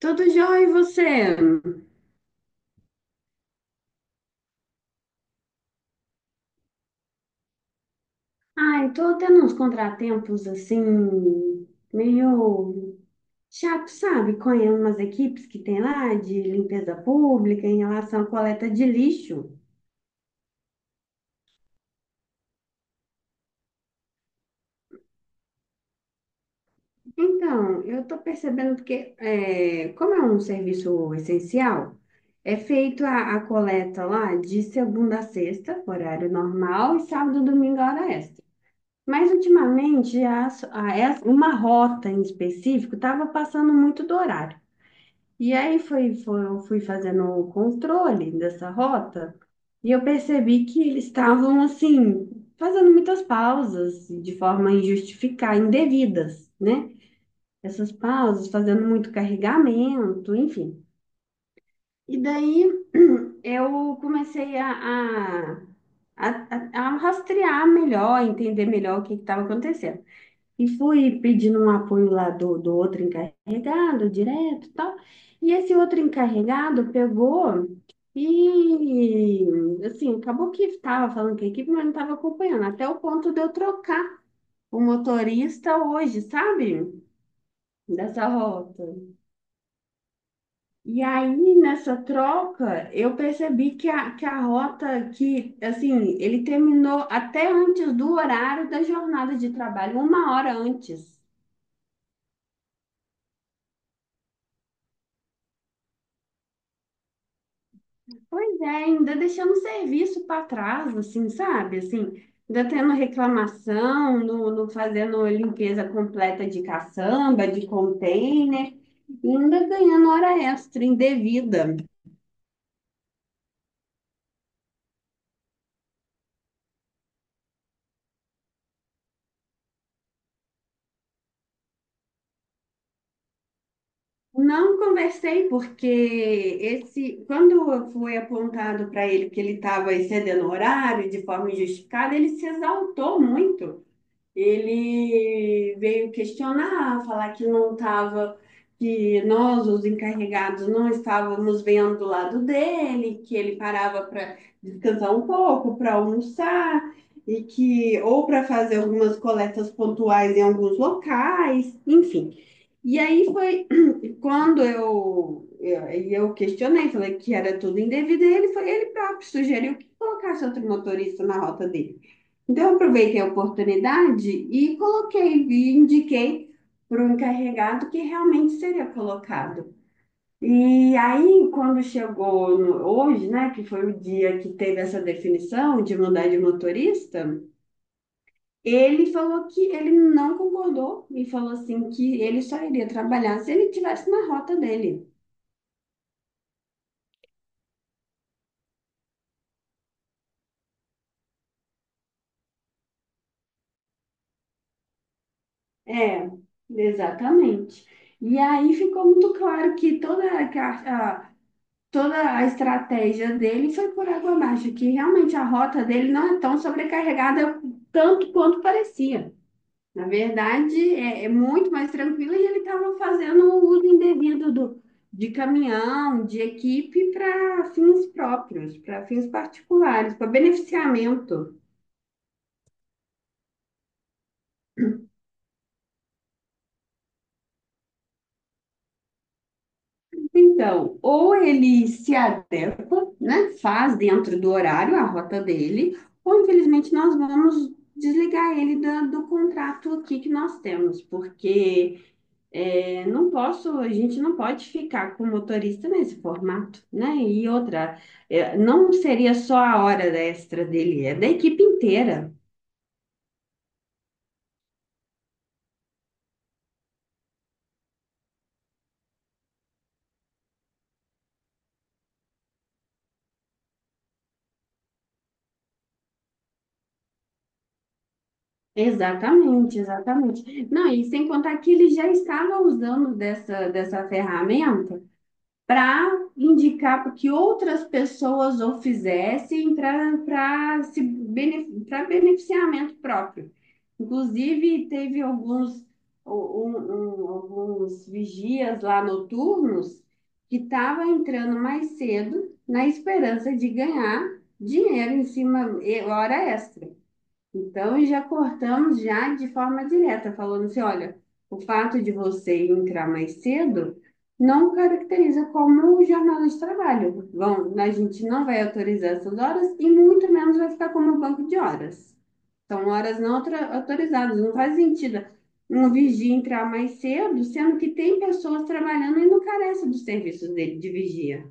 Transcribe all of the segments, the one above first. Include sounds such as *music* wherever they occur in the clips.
Tudo jóia, e você? Ai, tô tendo uns contratempos assim, meio chato, sabe? Com umas equipes que tem lá de limpeza pública em relação à coleta de lixo. Então, eu tô percebendo que, como é um serviço essencial, é feito a coleta lá de segunda a sexta, horário normal, e sábado e domingo, hora extra. Mas ultimamente, uma rota em específico estava passando muito do horário. E aí fui fazendo o controle dessa rota e eu percebi que eles estavam, assim, fazendo muitas pausas de forma injustificada, indevidas, né? Essas pausas, fazendo muito carregamento, enfim. E daí *clears throat* eu comecei a, a rastrear melhor, entender melhor o que estava acontecendo. E fui pedindo um apoio lá do outro encarregado, direto e tal. E esse outro encarregado pegou e, assim, acabou que estava falando com a equipe, mas não estava acompanhando. Até o ponto de eu trocar o motorista hoje, sabe? Dessa rota. E aí, nessa troca, eu percebi que a rota, que, assim, ele terminou até antes do horário da jornada de trabalho, uma hora antes. Pois é, ainda deixando o serviço para trás, assim, sabe? Assim, ainda tendo reclamação, no fazendo limpeza completa de caçamba, de container, e ainda ganhando hora extra indevida. Não conversei porque esse, quando foi apontado para ele que ele estava excedendo o horário de forma injustificada, ele se exaltou muito. Ele veio questionar, falar que não estava, que nós, os encarregados, não estávamos vendo o lado dele, que ele parava para descansar um pouco, para almoçar, e que, ou para fazer algumas coletas pontuais em alguns locais, enfim. E aí foi *clears throat* quando eu questionei, falei que era tudo indevido, e ele próprio sugeriu que colocasse outro motorista na rota dele. Então, eu aproveitei a oportunidade e coloquei, vi, indiquei para o encarregado que realmente seria colocado. E aí, quando chegou hoje, né, que foi o dia que teve essa definição de mudar de motorista, ele falou que ele não concordou e falou assim que ele só iria trabalhar se ele tivesse na rota dele. É, exatamente. E aí ficou muito claro que toda a estratégia dele foi por água abaixo, que realmente a rota dele não é tão sobrecarregada tanto quanto parecia. Na verdade, é muito mais tranquila e ele estava fazendo o uso indevido de caminhão, de equipe para fins próprios, para fins particulares, para beneficiamento. Então, ou ele se adequa, né, faz dentro do horário a rota dele, ou infelizmente nós vamos desligar ele do contrato aqui que nós temos, porque não posso, a gente não pode ficar com o motorista nesse formato, né? E outra, não seria só a hora extra dele, é da equipe inteira. Exatamente, exatamente. Não, e sem contar que ele já estava usando dessa ferramenta. Para indicar para que outras pessoas o fizessem para se beneficiamento próprio. Inclusive, teve alguns, alguns vigias lá noturnos que estavam entrando mais cedo na esperança de ganhar dinheiro em cima, hora extra. Então, e já cortamos já de forma direta, falando assim, olha, o fato de você entrar mais cedo não caracteriza como jornada de trabalho. Bom, a gente não vai autorizar essas horas e muito menos vai ficar como um banco de horas. São horas não autorizadas, não faz sentido um vigia entrar mais cedo, sendo que tem pessoas trabalhando e não carece dos serviços dele de vigia.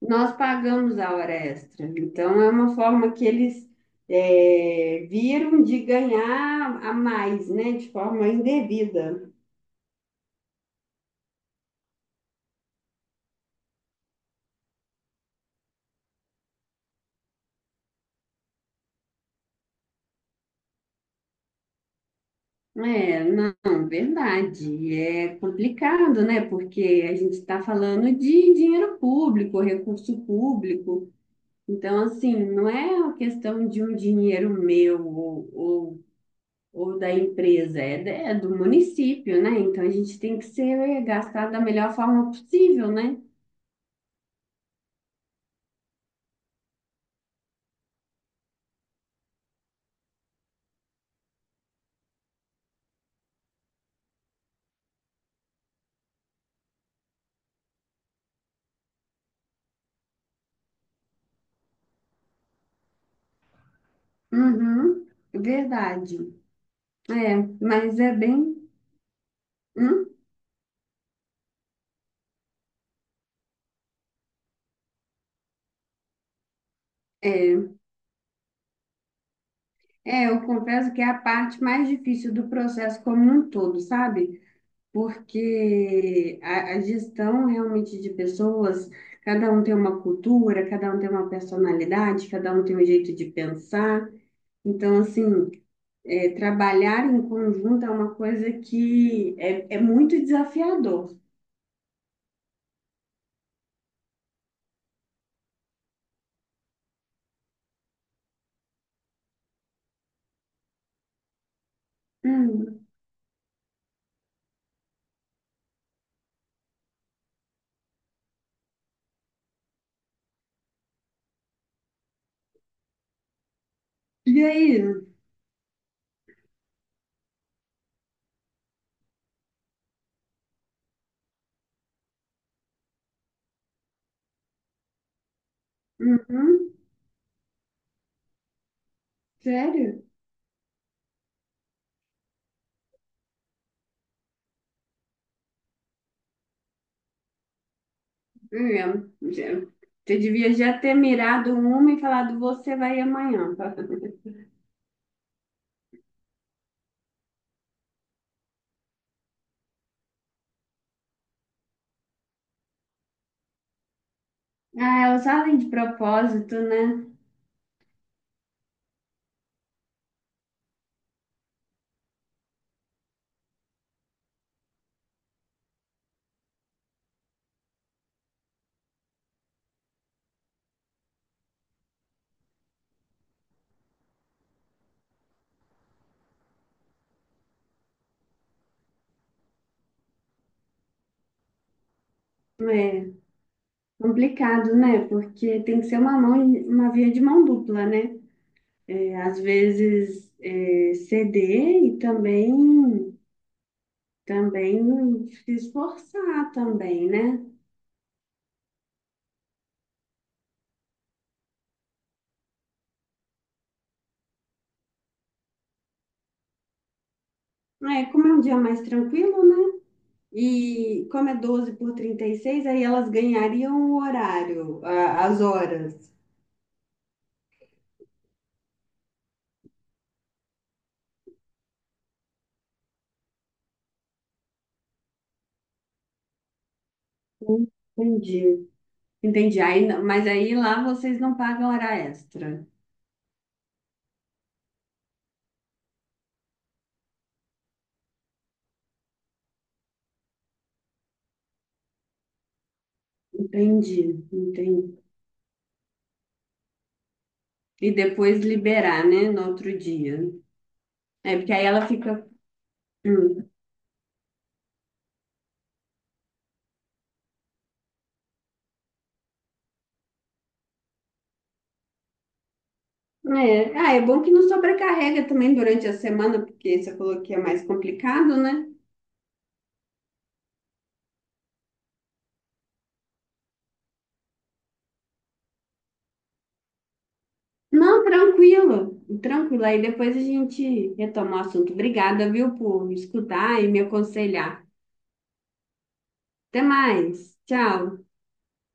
Nós pagamos a hora extra. Então, é uma forma que eles viram de ganhar a mais, né? De forma indevida. É, não, verdade. É complicado, né? Porque a gente está falando de dinheiro público, recurso público. Então, assim, não é uma questão de um dinheiro meu ou da empresa, é do município, né? Então, a gente tem que ser gastado da melhor forma possível, né? Uhum, verdade. É, mas é bem. Hum? É, é, eu confesso que é a parte mais difícil do processo como um todo, sabe? Porque a gestão realmente de pessoas, cada um tem uma cultura, cada um tem uma personalidade, cada um tem um jeito de pensar. Então, assim, trabalhar em conjunto é uma coisa que é muito desafiador. Hum. E aí? Uhum. Sério? É, já- você devia já ter mirado uma e falado, você vai amanhã. Ah, elas fazem de propósito, né? É complicado, né? Porque tem que ser uma mão, uma via de mão dupla, né? É, às vezes ceder e também se esforçar também, né? É, como é um dia mais tranquilo, né? E como é 12x36 aí elas ganhariam o horário, as horas. Entendi, entendi. Aí, mas aí lá vocês não pagam hora extra. Entendi, entendi. E depois liberar, né, no outro dia. É, porque aí ela fica. Hum. É. Ah, é bom que não sobrecarrega também durante a semana, porque você falou que é mais complicado, né? Não, tranquilo, tranquilo. Aí depois a gente retoma o assunto. Obrigada, viu, por escutar e me aconselhar. Até mais. Tchau.